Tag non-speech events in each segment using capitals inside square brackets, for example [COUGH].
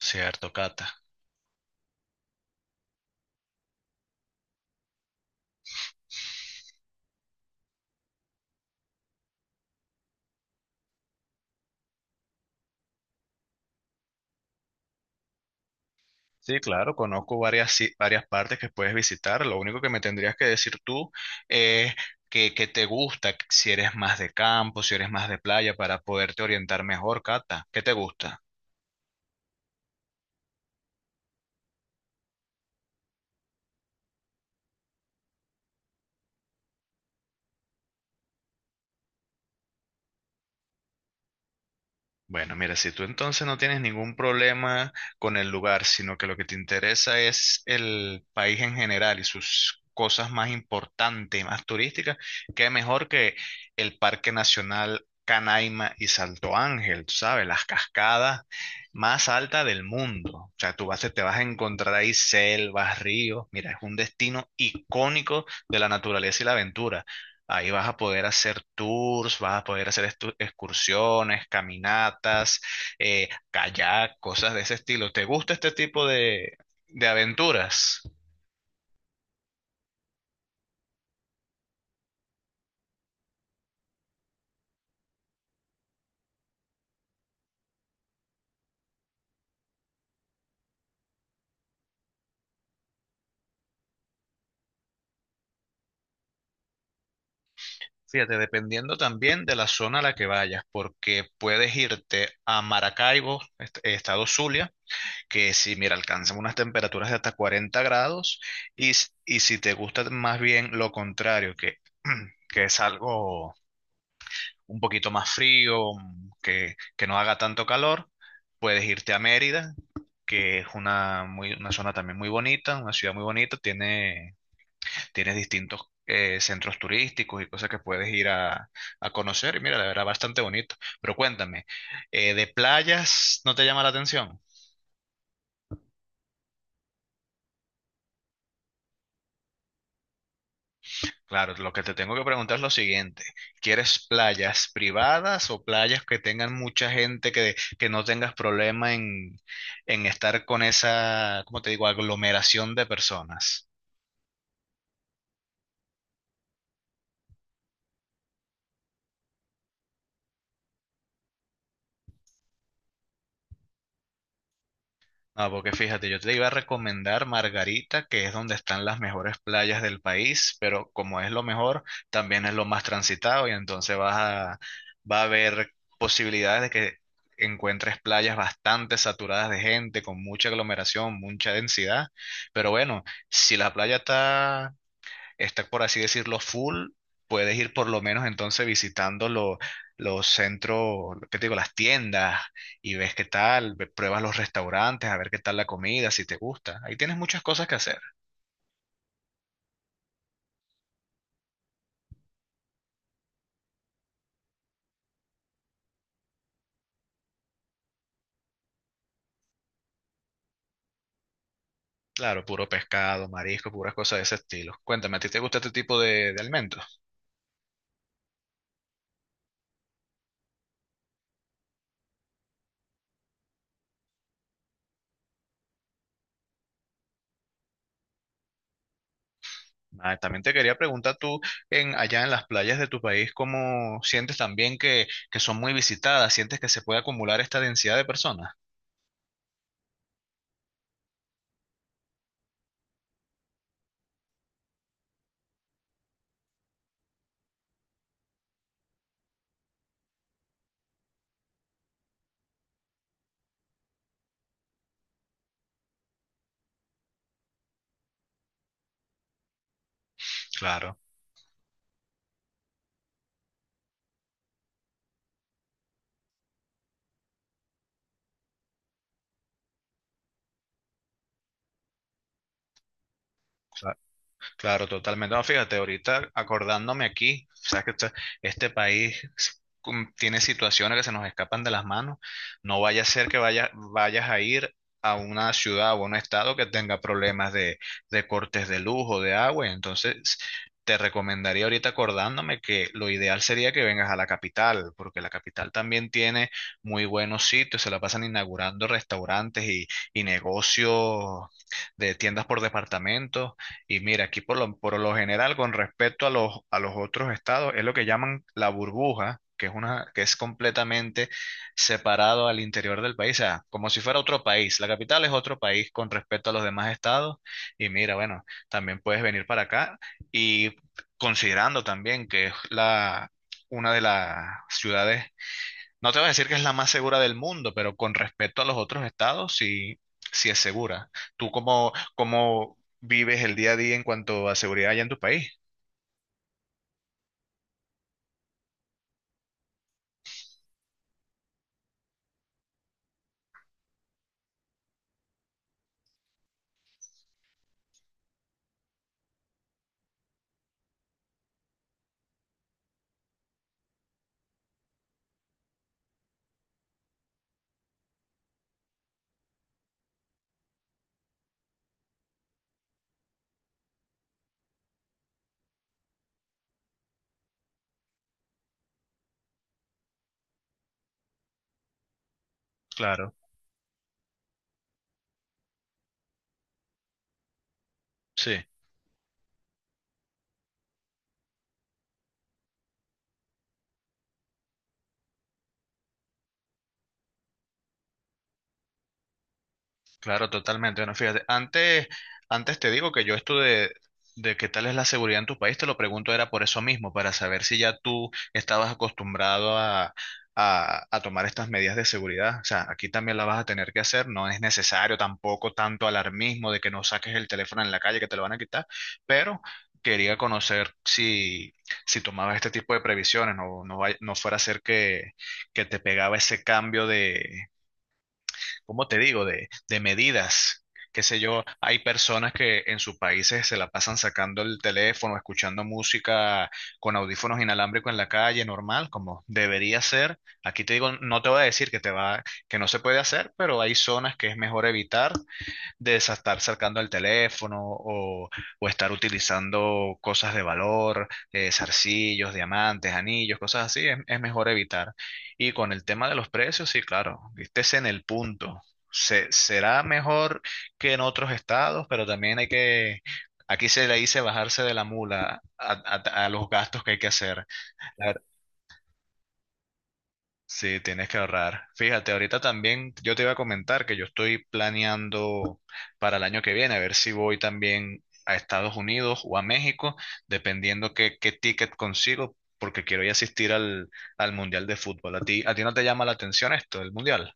Cierto, Cata. Sí, claro, conozco varias, varias partes que puedes visitar. Lo único que me tendrías que decir tú es que te gusta, si eres más de campo, si eres más de playa, para poderte orientar mejor, Cata. ¿Qué te gusta? Bueno, mira, si tú entonces no tienes ningún problema con el lugar, sino que lo que te interesa es el país en general y sus cosas más importantes y más turísticas, qué mejor que el Parque Nacional Canaima y Salto Ángel, tú sabes, las cascadas más altas del mundo. O sea, tú vas, te vas a encontrar ahí selvas, ríos. Mira, es un destino icónico de la naturaleza y la aventura. Ahí vas a poder hacer tours, vas a poder hacer excursiones, caminatas, kayak, cosas de ese estilo. ¿Te gusta este tipo de aventuras? Fíjate, dependiendo también de la zona a la que vayas, porque puedes irte a Maracaibo, estado Zulia, que si, mira, alcanzan unas temperaturas de hasta 40 grados, y, y si te gusta más bien lo contrario, que, [CLEARS THROAT] que es algo un poquito más frío, que no haga tanto calor, puedes irte a Mérida, que es una, muy, una zona también muy bonita, una ciudad muy bonita, tiene distintos centros turísticos y cosas que puedes ir a conocer, y mira, la verdad, bastante bonito. Pero cuéntame, ¿de playas no te llama la atención? Claro, lo que te tengo que preguntar es lo siguiente. ¿Quieres playas privadas o playas que tengan mucha gente que no tengas problema en estar con esa, ¿cómo te digo?, aglomeración de personas? Ah, porque fíjate, yo te iba a recomendar Margarita, que es donde están las mejores playas del país, pero como es lo mejor, también es lo más transitado y entonces va a haber posibilidades de que encuentres playas bastante saturadas de gente, con mucha aglomeración, mucha densidad. Pero bueno, si la playa está, por así decirlo, full, puedes ir por lo menos entonces visitando los centros, ¿qué te digo? Las tiendas y ves qué tal, pruebas los restaurantes, a ver qué tal la comida, si te gusta. Ahí tienes muchas cosas que hacer. Claro, puro pescado, marisco, puras cosas de ese estilo. Cuéntame, ¿a ti te gusta este tipo de alimentos? Ah, también te quería preguntar tú, en, allá en las playas de tu país, ¿cómo sientes también que son muy visitadas? ¿Sientes que se puede acumular esta densidad de personas? Claro. Claro. Claro, totalmente. No, fíjate, ahorita acordándome aquí, sabes que este país tiene situaciones que se nos escapan de las manos. No vaya a ser que vayas a ir a una ciudad o a un estado que tenga problemas de cortes de luz o de agua. Entonces, te recomendaría ahorita acordándome que lo ideal sería que vengas a la capital, porque la capital también tiene muy buenos sitios, se la pasan inaugurando restaurantes y negocios de tiendas por departamento. Y mira, aquí por lo general, con respecto a los otros estados, es lo que llaman la burbuja, que es una, que es completamente separado al interior del país, o sea, como si fuera otro país. La capital es otro país con respecto a los demás estados. Y mira, bueno, también puedes venir para acá. Y considerando también que es la, una de las ciudades, no te voy a decir que es la más segura del mundo, pero con respecto a los otros estados, sí, sí es segura. ¿Tú cómo, cómo vives el día a día en cuanto a seguridad allá en tu país? Claro, sí. Claro, totalmente. Bueno, fíjate, antes te digo que yo esto de qué tal es la seguridad en tu país, te lo pregunto era por eso mismo, para saber si ya tú estabas acostumbrado a tomar estas medidas de seguridad. O sea, aquí también la vas a tener que hacer, no es necesario tampoco tanto alarmismo de que no saques el teléfono en la calle, que te lo van a quitar, pero quería conocer si, si tomabas este tipo de previsiones, no, no, no fuera a ser que te pegaba ese cambio de... ¿cómo te digo?, de medidas. Qué sé yo, hay personas que en sus países se la pasan sacando el teléfono, escuchando música con audífonos inalámbricos en la calle, normal, como debería ser. Aquí te digo, no te voy a decir que te va, que no se puede hacer, pero hay zonas que es mejor evitar estar cercando el teléfono o estar utilizando cosas de valor, zarcillos, diamantes, anillos, cosas así, es mejor evitar. Y con el tema de los precios, sí, claro, estés en el punto. Será mejor que en otros estados, pero también hay que, aquí se le dice bajarse de la mula a los gastos que hay que hacer. Sí, tienes que ahorrar. Fíjate, ahorita también yo te iba a comentar que yo estoy planeando para el año que viene, a ver si voy también a Estados Unidos o a México, dependiendo qué, qué ticket consigo, porque quiero ir a asistir al Mundial de Fútbol. A ti no te llama la atención esto, el Mundial?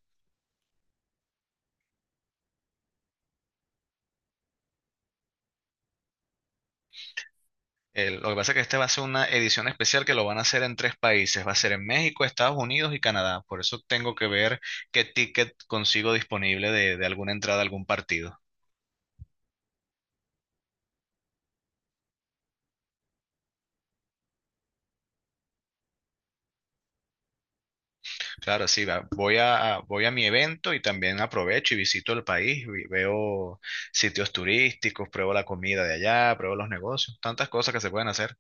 Lo que pasa es que este va a ser una edición especial que lo van a hacer en tres países. Va a ser en México, Estados Unidos y Canadá. Por eso tengo que ver qué ticket consigo disponible de alguna entrada a algún partido. Claro, sí, voy voy a mi evento y también aprovecho y visito el país, veo sitios turísticos, pruebo la comida de allá, pruebo los negocios, tantas cosas que se pueden hacer.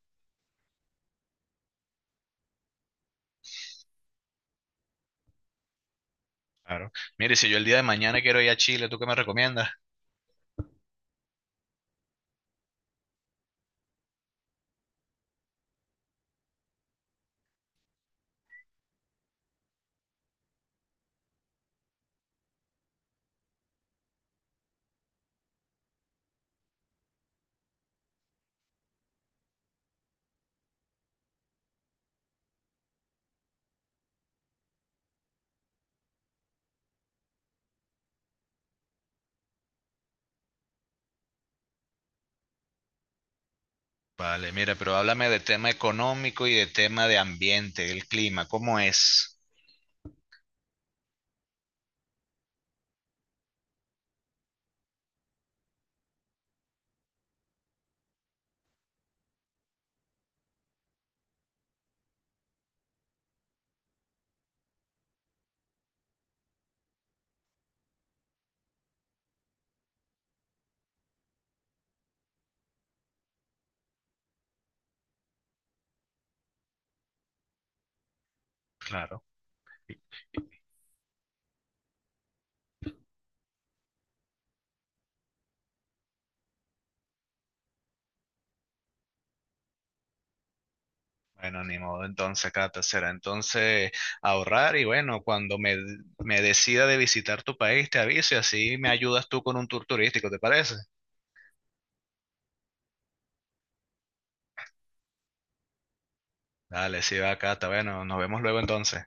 Claro. Mire, si yo el día de mañana quiero ir a Chile, ¿tú qué me recomiendas? Vale, mira, pero háblame de tema económico y de tema de ambiente, el clima, ¿cómo es? Claro. Bueno, ni modo, entonces, Cata, será entonces ahorrar y bueno, cuando me decida de visitar tu país, te aviso y así me ayudas tú con un tour turístico, ¿te parece? Dale, sí, va, Cata. Bueno, nos vemos luego entonces.